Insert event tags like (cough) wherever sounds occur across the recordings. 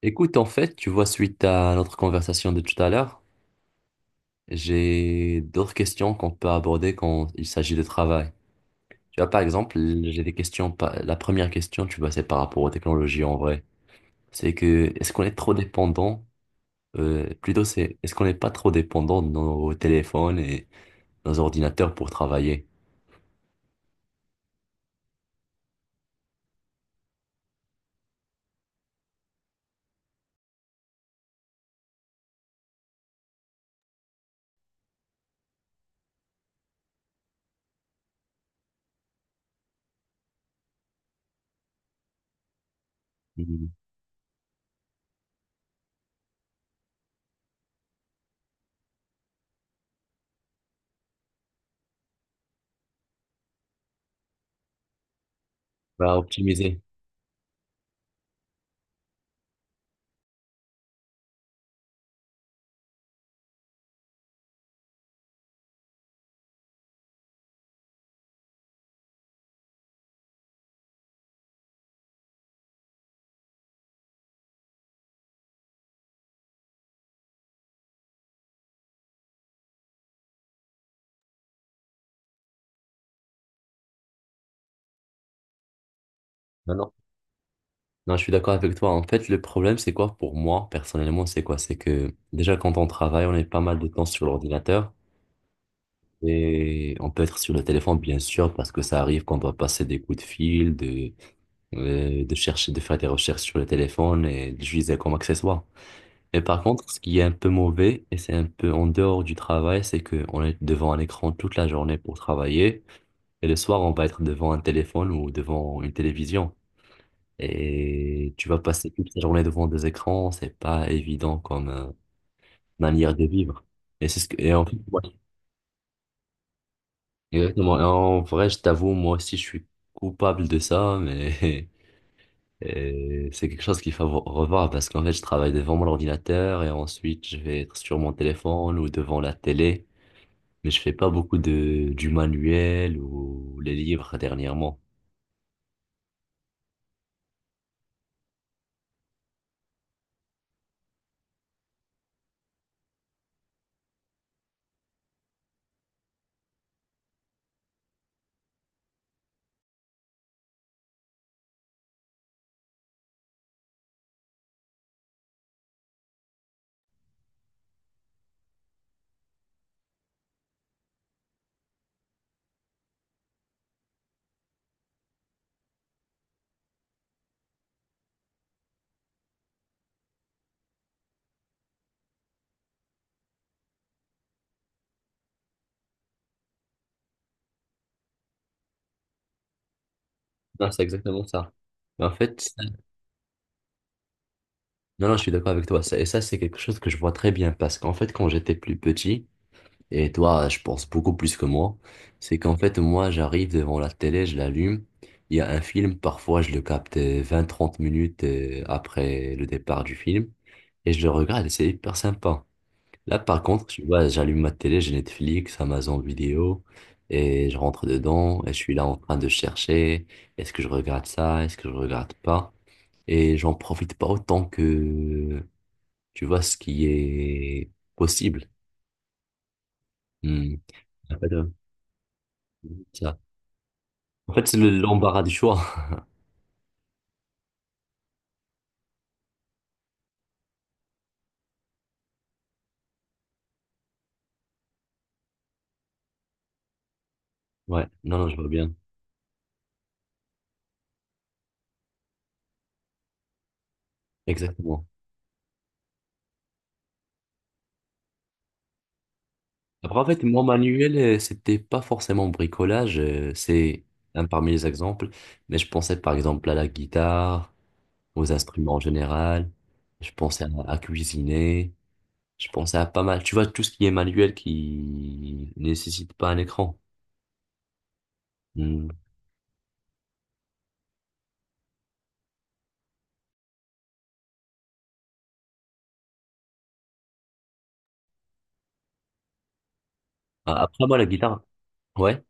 Écoute, en fait, tu vois, suite à notre conversation de tout à l'heure, j'ai d'autres questions qu'on peut aborder quand il s'agit de travail. Tu vois, par exemple, j'ai des questions. La première question, tu vois, c'est par rapport aux technologies en vrai. C'est que, est-ce qu'on est trop dépendant? Plutôt, c'est, est-ce qu'on n'est pas trop dépendant de nos téléphones et nos ordinateurs pour travailler? Mhm. Bah, optimiser. Non, non. Non, je suis d'accord avec toi. En fait, le problème, c'est quoi pour moi, personnellement, c'est quoi? C'est que déjà, quand on travaille, on est pas mal de temps sur l'ordinateur. Et on peut être sur le téléphone, bien sûr, parce que ça arrive qu'on doit passer des coups de fil, de chercher, de faire des recherches sur le téléphone et de l'utiliser comme accessoire. Mais par contre, ce qui est un peu mauvais, et c'est un peu en dehors du travail, c'est qu'on est devant un écran toute la journée pour travailler, et le soir, on va être devant un téléphone ou devant une télévision. Et tu vas passer toute la journée devant des écrans, c'est pas évident comme manière de vivre. Et c'est ce que, et en fait, exactement. Et en vrai, je t'avoue, moi aussi, je suis coupable de ça, mais (laughs) c'est quelque chose qu'il faut revoir parce qu'en fait, je travaille devant mon ordinateur et ensuite, je vais être sur mon téléphone ou devant la télé, mais je fais pas beaucoup de du manuel ou les livres dernièrement. Non, c'est exactement ça. Mais en fait, non, non, je suis d'accord avec toi. Ça- Et ça, c'est quelque chose que je vois très bien parce qu'en fait, quand j'étais plus petit, et toi, je pense beaucoup plus que moi. C'est qu'en fait, moi, j'arrive devant la télé, je l'allume. Il y a un film, parfois je le capte vingt trente minutes après le départ du film. Et je le regarde, et c'est hyper sympa. Là, par contre, tu vois, j'allume ma télé, j'ai Netflix, Amazon Vidéo, et je rentre dedans, et je suis là en train de chercher, est-ce que je regarde ça, est-ce que je regarde pas? Et j'en profite pas autant que, tu vois, ce qui est possible. Hmm. Ça, en fait, c'est l'embarras du choix. (laughs) Ouais, non, non, je vois bien. Exactement. Après, en fait, mon manuel, c'était pas forcément bricolage, c'est un parmi les exemples, mais je pensais par exemple à la guitare, aux instruments en général, je pensais à cuisiner, je pensais à pas mal, tu vois, tout ce qui est manuel qui nécessite pas un écran. Hmm. Ah, après, moi, la guitare, ouais.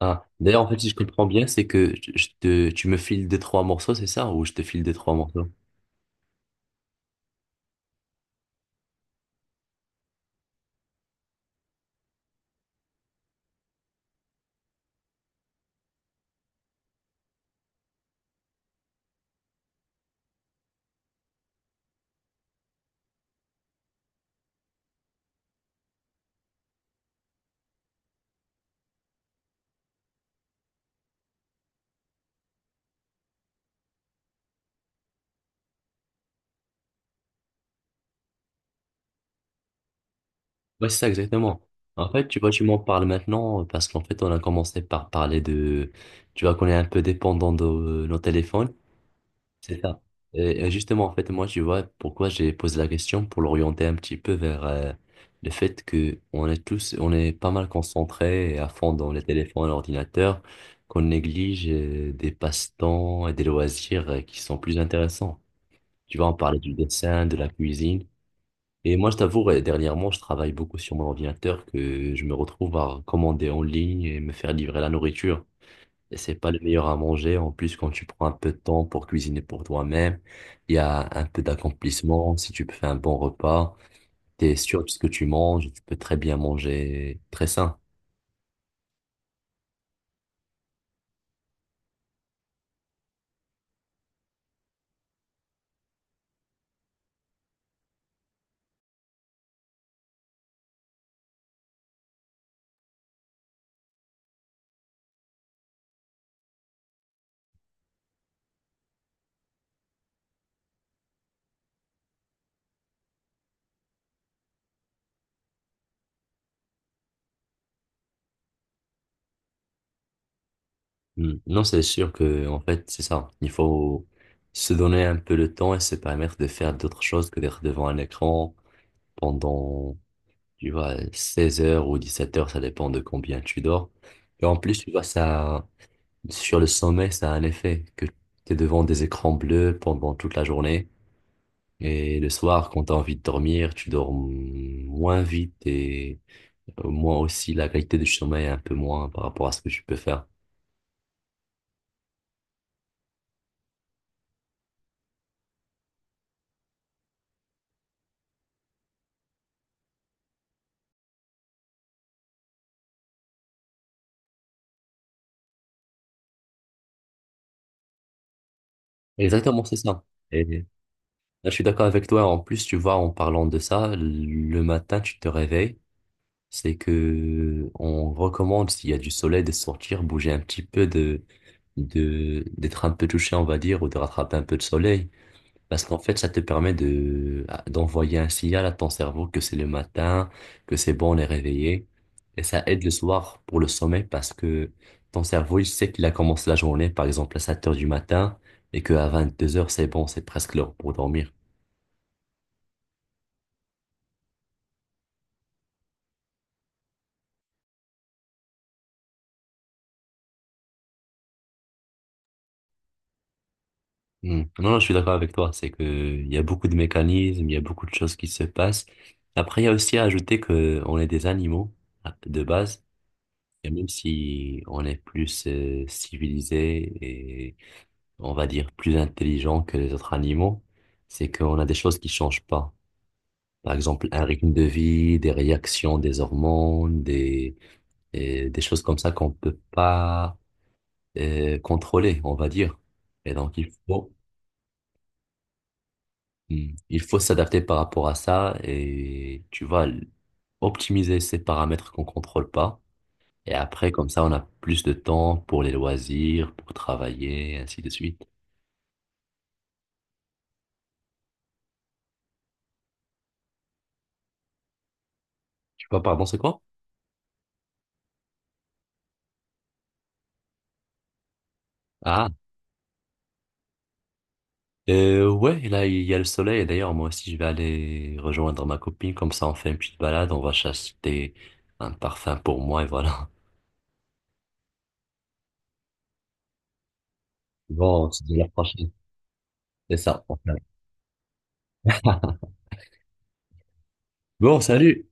Ah, d'ailleurs, en fait, si je comprends bien, c'est que tu me files deux trois morceaux, c'est ça? Ou je te file deux trois morceaux? Ouais, c'est ça exactement. En fait, tu vois, tu m'en parles maintenant parce qu'en fait, on a commencé par parler de, tu vois, qu'on est un peu dépendant de nos téléphones. C'est ça. Et justement, en fait, moi, tu vois, pourquoi j'ai posé la question pour l'orienter un petit peu vers le fait que on est tous, on est pas mal concentrés et à fond dans les téléphones, l'ordinateur, qu'on néglige des passe-temps et des loisirs qui sont plus intéressants. Tu vois, on parlait du dessin, de la cuisine. Et moi, je t'avoue, dernièrement, je travaille beaucoup sur mon ordinateur que je me retrouve à commander en ligne et me faire livrer la nourriture. Et c'est pas le meilleur à manger. En plus, quand tu prends un peu de temps pour cuisiner pour toi-même, il y a un peu d'accomplissement. Si tu fais un bon repas, tu es sûr de ce que tu manges, tu peux très bien manger très sain. Hmm. Non, c'est sûr que, en fait, c'est ça. Il faut se donner un peu le temps et se permettre de faire d'autres choses que d'être devant un écran pendant, tu vois, 16 heures ou 17 heures, ça dépend de combien tu dors. Et en plus, tu vois, ça, sur le sommeil ça a un effet que tu es devant des écrans bleus pendant toute la journée. Et le soir, quand tu as envie de dormir, tu dors moins vite et au moins aussi la qualité du sommeil est un peu moins par rapport à ce que tu peux faire. Exactement, c'est ça. Et là, je suis d'accord avec toi. En plus, tu vois, en parlant de ça, le matin, tu te réveilles. C'est que on recommande, s'il y a du soleil, de sortir, bouger un petit peu, d'être un peu touché, on va dire, ou de rattraper un peu de soleil. Parce qu'en fait, ça te permet d'envoyer un signal à ton cerveau que c'est le matin, que c'est bon, on est réveillé. Et ça aide le soir pour le sommeil parce que ton cerveau, il sait qu'il a commencé la journée, par exemple, à 7 heures du matin et qu'à 2 heures, c'est bon, c'est presque l'heure pour dormir. Hmm. Non, non, je suis d'accord avec toi. C'est que il y a beaucoup de mécanismes, il y a beaucoup de choses qui se passent. Après, il y a aussi à ajouter que on est des animaux de base, et même si on est plus civilisé et on va dire plus intelligent que les autres animaux, c'est qu'on a des choses qui changent pas. Par exemple, un rythme de vie, des réactions, des hormones, des et des choses comme ça qu'on peut pas contrôler, on va dire. Et donc, il faut mm. Il faut s'adapter par rapport à ça et tu vas optimiser ces paramètres qu'on contrôle pas. Et après, comme ça, on a plus de temps pour les loisirs, pour travailler, ainsi de suite. Tu vois, pardon, c'est quoi? Ah, ouais, là, il y a le soleil. Et d'ailleurs, moi aussi, je vais aller rejoindre ma copine. Comme ça, on fait une petite balade. On va acheter un parfum pour moi et voilà. Bon, on se dit à la prochaine. C'est ça. Enfin. (laughs) Bon, salut!